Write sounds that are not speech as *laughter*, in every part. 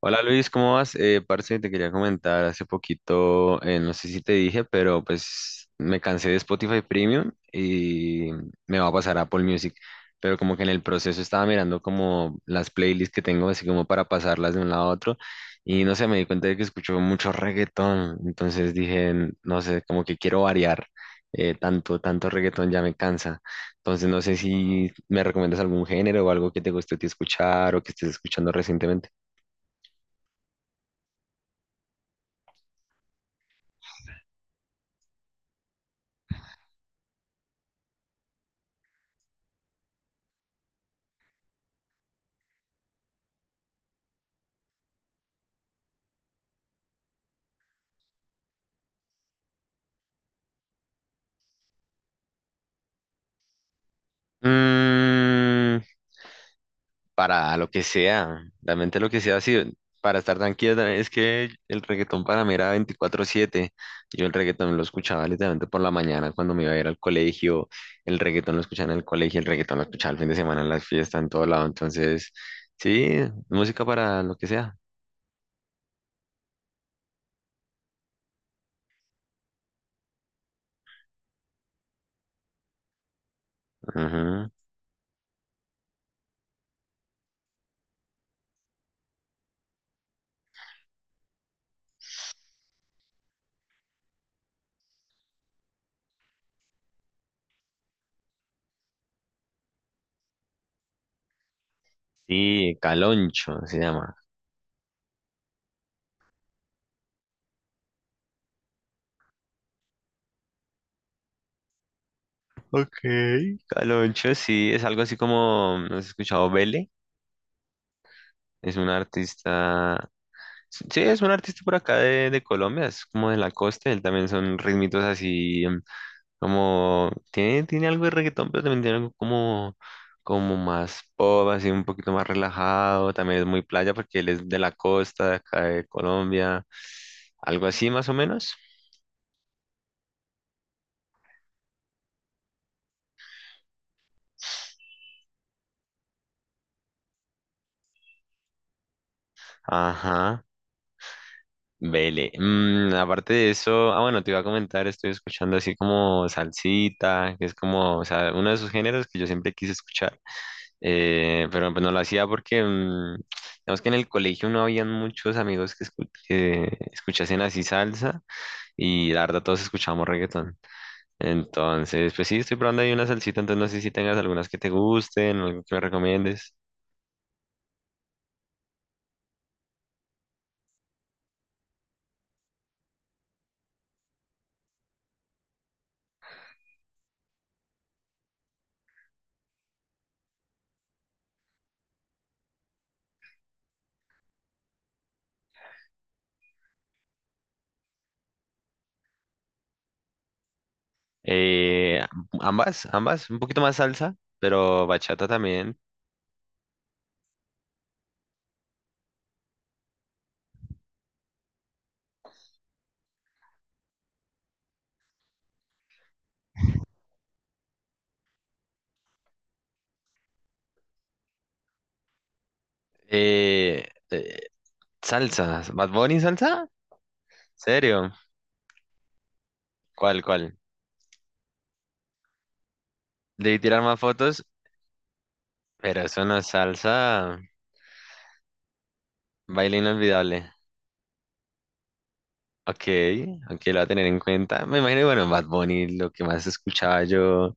Hola Luis, ¿cómo vas? Parce, te quería comentar hace poquito, no sé si te dije, pero pues me cansé de Spotify Premium y me va a pasar a Apple Music, pero como que en el proceso estaba mirando como las playlists que tengo, así como para pasarlas de un lado a otro y no sé, me di cuenta de que escucho mucho reggaetón, entonces dije, no sé, como que quiero variar, tanto, tanto reggaetón ya me cansa, entonces no sé si me recomiendas algún género o algo que te guste a ti escuchar o que estés escuchando recientemente. Mm, para lo que sea, realmente lo que sea, sí, para estar tranquila, es que el reggaetón para mí era veinticuatro siete. Yo el reggaetón lo escuchaba literalmente por la mañana cuando me iba a ir al colegio, el reggaetón lo escuchaba en el colegio, el reggaetón lo escuchaba el fin de semana en las fiestas, en todo lado. Entonces, sí, música para lo que sea. Ujú. Sí, Caloncho se llama. Ok, Caloncho, sí, es algo así como, ¿no has escuchado Vele? Es un artista. Sí, es un artista por acá de Colombia, es como de la costa, él también son ritmitos así, como, tiene algo de reggaetón, pero también tiene algo como más pop, así un poquito más relajado, también es muy playa porque él es de la costa, de acá de Colombia, algo así más o menos. Ajá, vele. Aparte de eso, ah, bueno, te iba a comentar, estoy escuchando así como salsita, que es como, o sea, uno de esos géneros que yo siempre quise escuchar. Pero pues no lo hacía porque, digamos que en el colegio no habían muchos amigos que escuchasen así salsa y la verdad todos escuchábamos reggaetón. Entonces, pues sí, estoy probando ahí una salsita, entonces no sé si tengas algunas que te gusten, algo que me recomiendes. Eh, Ambas, ambas, un poquito más salsa, pero bachata también. Eh, eh, Salsa, Bad Bunny salsa, ¿serio? ¿Cuál, cuál? Debí tirar más fotos, pero eso no es salsa, baile inolvidable. Ok, ok, lo voy a tener en cuenta. Me imagino, bueno, Bad Bunny, lo que más escuchaba yo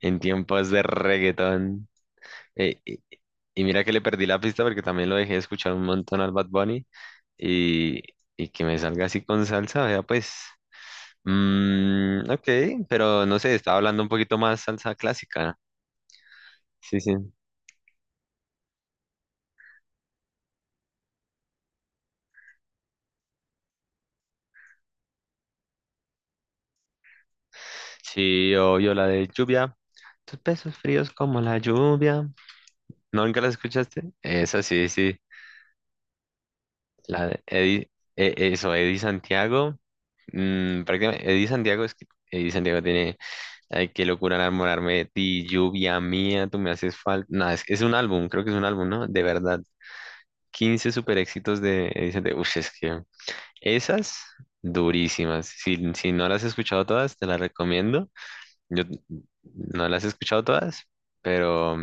en tiempos de reggaetón. Eh, y, y mira que le perdí la pista porque también lo dejé de escuchar un montón al Bad Bunny. Y, y que me salga así con salsa, vea, pues. Ok, pero no sé, estaba hablando un poquito más salsa clásica. Sí, sí. Sí, obvio, la de lluvia. Tus besos fríos como la lluvia. ¿No? ¿Nunca la escuchaste? Esa sí, sí. La de Eddie, eso, Eddie Santiago. Prácticamente, Eddie Santiago es que Eddie Santiego tiene. Ay, qué locura enamorarme de ti, lluvia mía, tú me haces falta. No, es un álbum, creo que es un álbum, ¿no? De verdad. Quince super éxitos de Eddie Santiago. Ush, es que esas durísimas. Si, si no las has escuchado todas, te las recomiendo. Yo no las he escuchado todas, pero.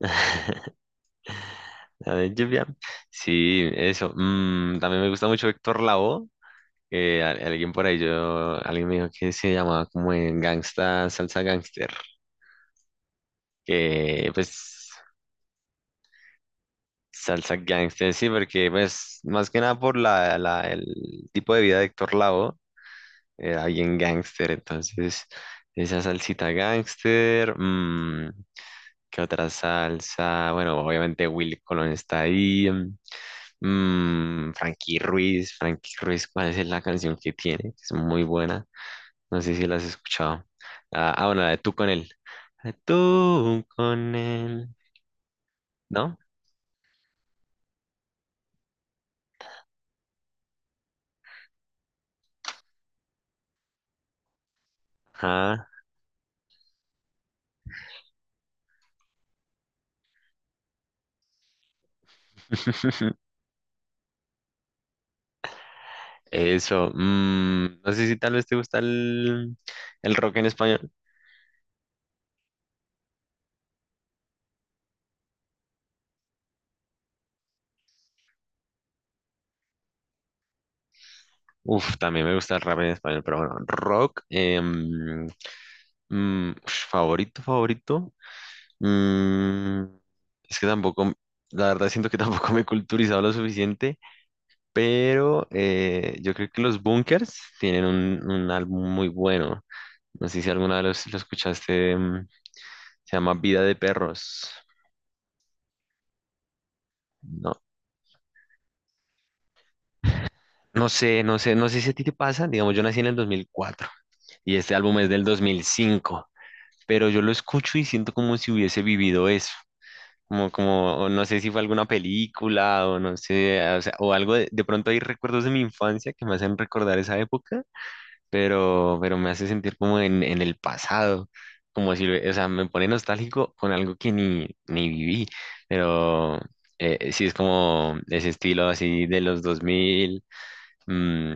*laughs* La de lluvia. Sí, eso. También me gusta mucho Héctor Lavoe. Alguien por ahí, yo, alguien me dijo que se llamaba como en gangsta, salsa gangster, que pues salsa gangster, sí, porque pues más que nada por el tipo de vida de Héctor Lavoe, era bien gangster, entonces esa salsita gangster, ¿qué otra salsa? Bueno, obviamente Willy Colón está ahí, Frankie Ruiz, Frankie Ruiz, ¿cuál es la canción que tiene? Es muy buena. No sé si la has escuchado. Ah, ah, bueno, la de tú con él. Ah, Tú con él. ¿No? Ah. *laughs* Eso. No sé si tal vez te gusta el rock en español. Uf, también me gusta el rap en español, pero bueno, rock ush, favorito, favorito. mm, es que tampoco, la verdad siento que *laughs* tampoco me he culturizado lo suficiente, pero yo creo que los Bunkers tienen un álbum muy bueno. No sé si alguna vez lo escuchaste, se llama Vida de Perros. No, no sé si a ti te pasa. Digamos, yo nací en el 2004 y este álbum es del dos mil cinco, pero yo lo escucho y siento como si hubiese vivido eso. Como, o no sé si fue alguna película o no sé, o sea, o algo de pronto hay recuerdos de mi infancia que me hacen recordar esa época, pero me hace sentir como en el pasado, como si, o sea, me pone nostálgico con algo que ni viví, pero sí es como ese estilo así de los 2000, mm,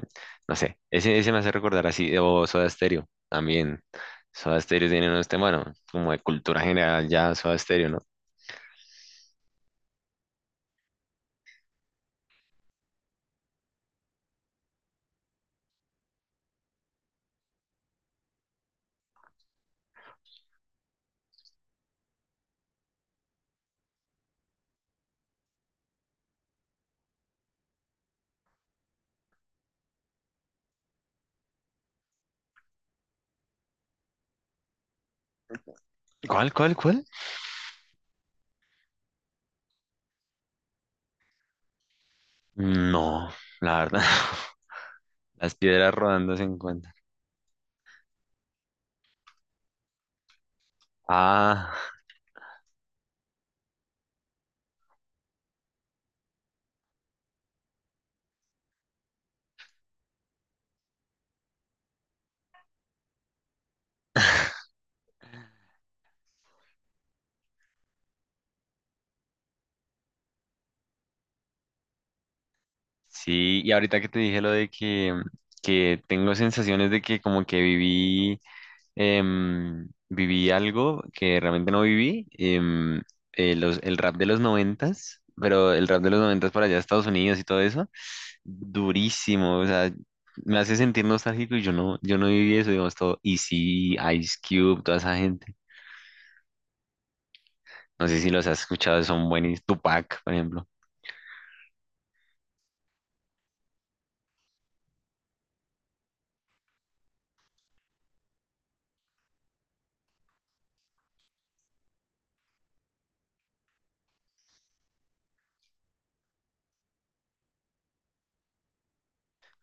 no sé, ese, me hace recordar así, o Soda Stereo también. Soda Stereo tiene unos temas, bueno, como de cultura general ya Soda Stereo, ¿no? ¿Cuál, cuál, cuál? No, la verdad, *laughs* las piedras rodando se encuentran. Ah. *laughs* Sí, y ahorita que te dije lo de que tengo sensaciones de que como que viví, viví algo que realmente no viví, el rap de los noventas, pero el rap de los noventas para allá Estados Unidos y todo eso, durísimo, o sea, me hace sentir nostálgico y yo no viví eso, digamos, todo Easy, Ice Cube, toda esa gente. No sé si los has escuchado, son buenísimos, Tupac, por ejemplo.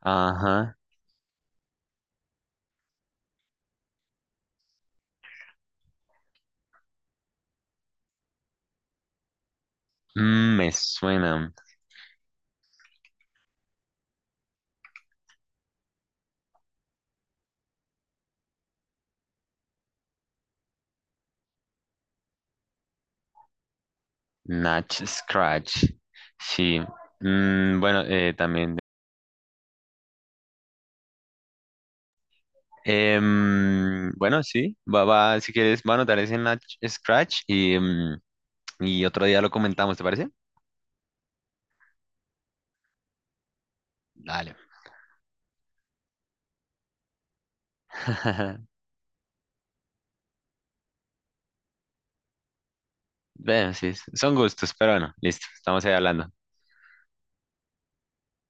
Ajá, me suena. Natch Scratch. Sí. Bueno, también. Bueno, sí. Va, va, si quieres, va a anotar ese Natch Scratch y otro día lo comentamos, ¿te parece? Dale. *laughs* Bueno, sí, son gustos, pero bueno, listo. Estamos ahí hablando.